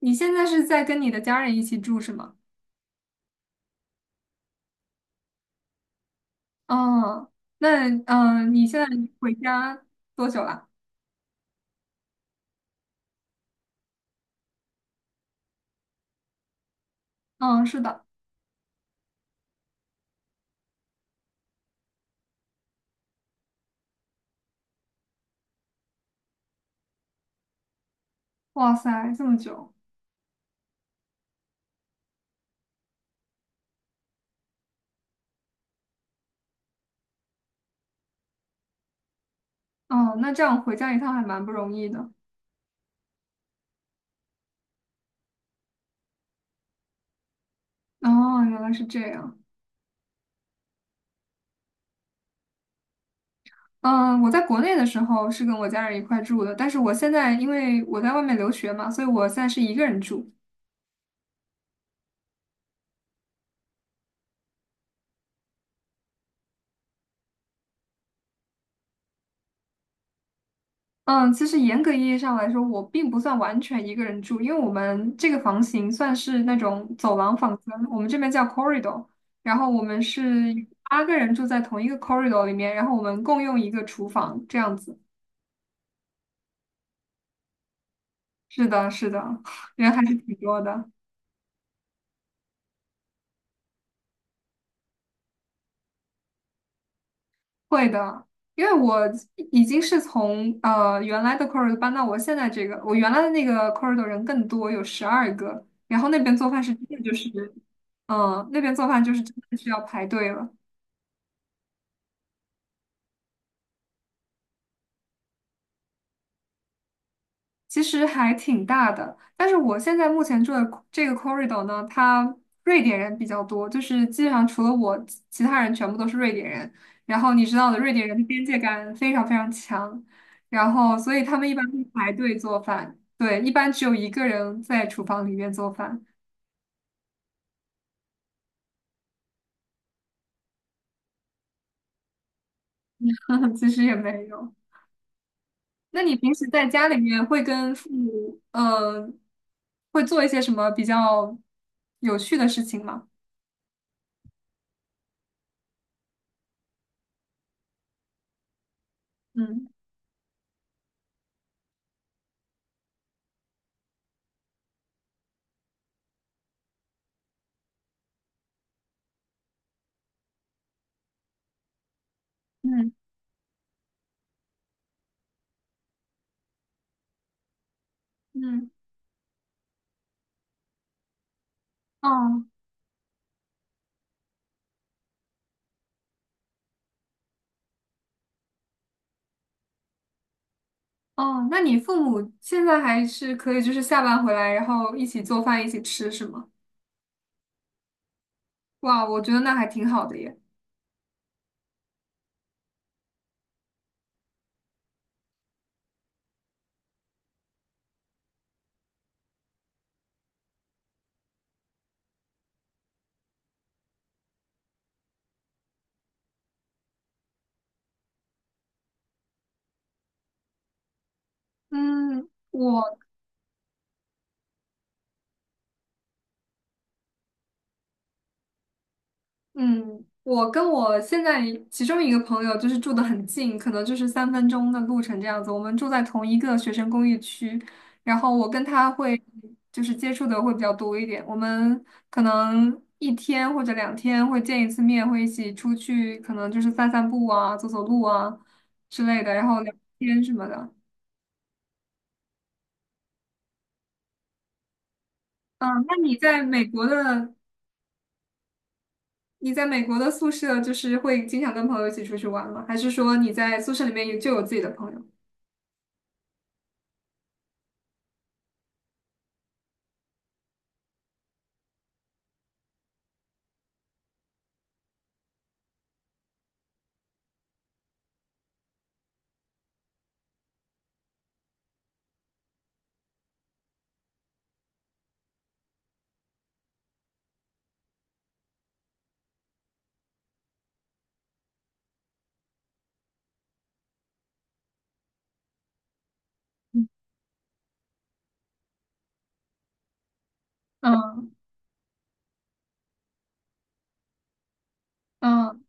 你现在是在跟你的家人一起住是吗？嗯，那你现在回家多久了？嗯，是的。哇塞，这么久。哦，那这样回家一趟还蛮不容易的。哦，原来是这样。嗯，我在国内的时候是跟我家人一块住的，但是我现在因为我在外面留学嘛，所以我现在是一个人住。嗯，其实严格意义上来说，我并不算完全一个人住，因为我们这个房型算是那种走廊房间，我们这边叫 corridor，然后我们是八个人住在同一个 corridor 里面，然后我们共用一个厨房，这样子。是的，是的，人还是挺多的。会的，因为我已经是从原来的 corridor 搬到我现在这个，我原来的那个 corridor 人更多，有十二个，然后那边做饭是真的就是，那边做饭就是真的是要排队了。其实还挺大的，但是我现在目前住的这个 corridor 呢，它瑞典人比较多，就是基本上除了我，其他人全部都是瑞典人。然后你知道的，瑞典人的边界感非常非常强，然后所以他们一般会排队做饭，对，一般只有一个人在厨房里面做饭，其实也没有。那你平时在家里面会跟父母，会做一些什么比较有趣的事情吗？嗯。嗯。嗯。哦。哦，那你父母现在还是可以，就是下班回来，然后一起做饭，一起吃，是吗？哇，我觉得那还挺好的耶。嗯，我跟我现在其中一个朋友就是住的很近，可能就是三分钟的路程这样子。我们住在同一个学生公寓区，然后我跟他会接触的会比较多一点。我们可能一天或者两天会见一次面，会一起出去，可能就是散散步啊、走走路啊之类的，然后聊天什么的。嗯，那你在美国的你在美国的宿舍就是会经常跟朋友一起出去玩吗？还是说你在宿舍里面有自己的朋友？嗯。嗯。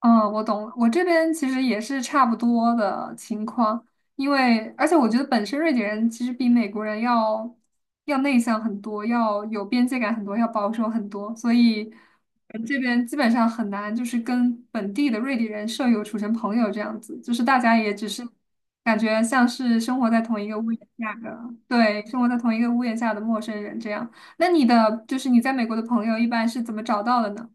嗯，我懂了。我这边其实也是差不多的情况，因为而且我觉得本身瑞典人其实比美国人要内向很多，要有边界感很多，要保守很多，所以这边基本上很难就是跟本地的瑞典人舍友处成朋友这样子，就是大家也只是感觉像是生活在同一个屋檐下的，对，生活在同一个屋檐下的陌生人这样。那你在美国的朋友一般是怎么找到的呢？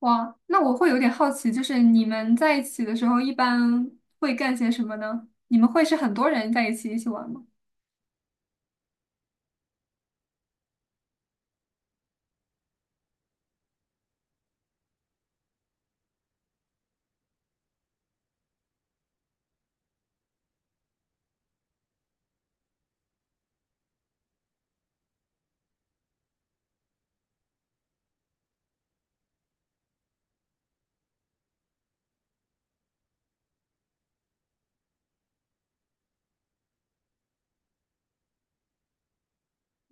哇，那我会有点好奇，就是你们在一起的时候一般会干些什么呢？你们会是很多人在一起玩吗？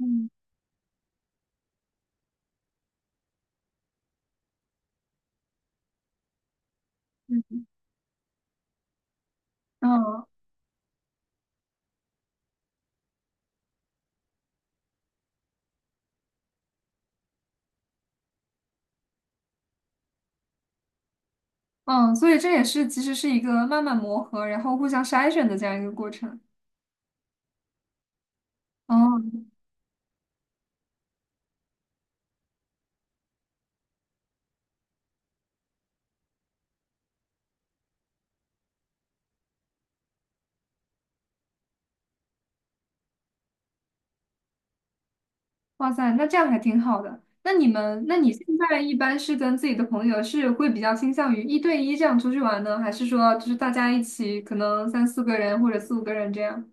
嗯。嗯。嗯。嗯，所以这其实是一个慢慢磨合，然后互相筛选的这样一个过程。哦，哇塞，那这样还挺好的。那你现在一般是跟自己的朋友是会比较倾向于一对一这样出去玩呢，还是说就是大家一起可能三四个人或者四五个人这样？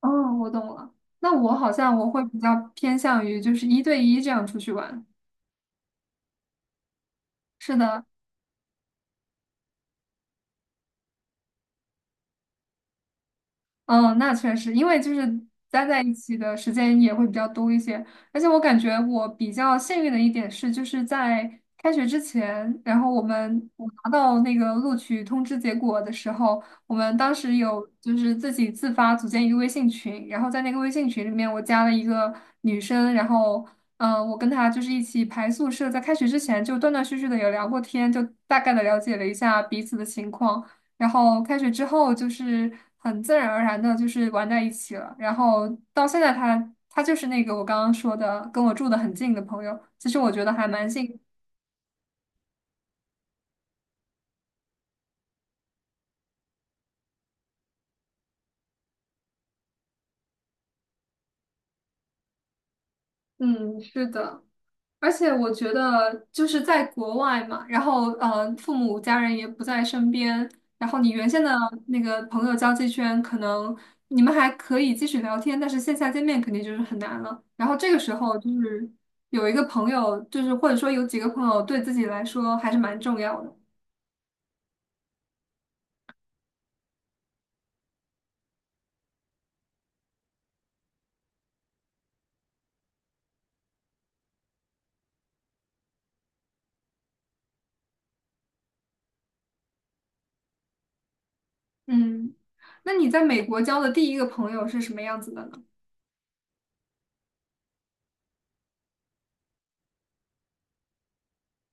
哦，我懂了。那我好像我会比较偏向于就是一对一这样出去玩。是的，嗯，那确实，因为就是待在一起的时间也会比较多一些，而且我感觉我比较幸运的一点是，就是在开学之前，然后我拿到那个录取通知结果的时候，我们当时有就是自己自发组建一个微信群，然后在那个微信群里面，我加了一个女生，然后我跟她就是一起排宿舍，在开学之前就断断续续的有聊过天，就大概的了解了一下彼此的情况。然后开学之后就是很自然而然的，就是玩在一起了。然后到现在他就是那个我刚刚说的，跟我住的很近的朋友。其实我觉得还蛮幸运。嗯，是的。而且我觉得就是在国外嘛，然后，父母家人也不在身边，然后你原先的那个朋友交际圈，可能你们还可以继续聊天，但是线下见面肯定就是很难了。然后这个时候就是有一个朋友，就是或者说有几个朋友，对自己来说还是蛮重要的。嗯，那你在美国交的第一个朋友是什么样子的呢？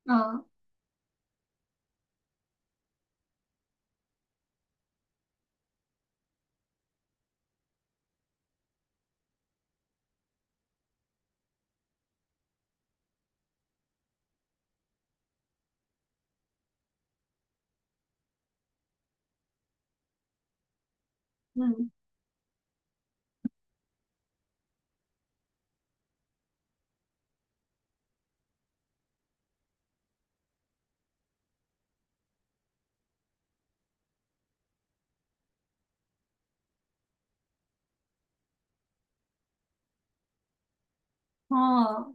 嗯。嗯。哦。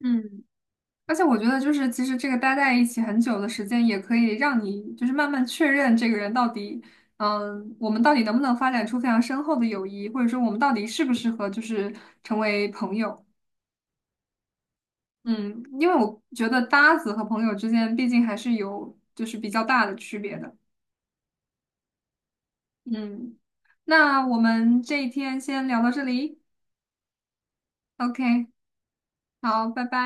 嗯。而且我觉得，就是其实这个待在一起很久的时间，也可以让你就是慢慢确认这个人到底，嗯，我们到底能不能发展出非常深厚的友谊，或者说我们到底适不适合就是成为朋友。嗯，因为我觉得搭子和朋友之间毕竟还是有就是比较大的区别的。嗯，那我们这一天先聊到这里，OK，好，拜拜。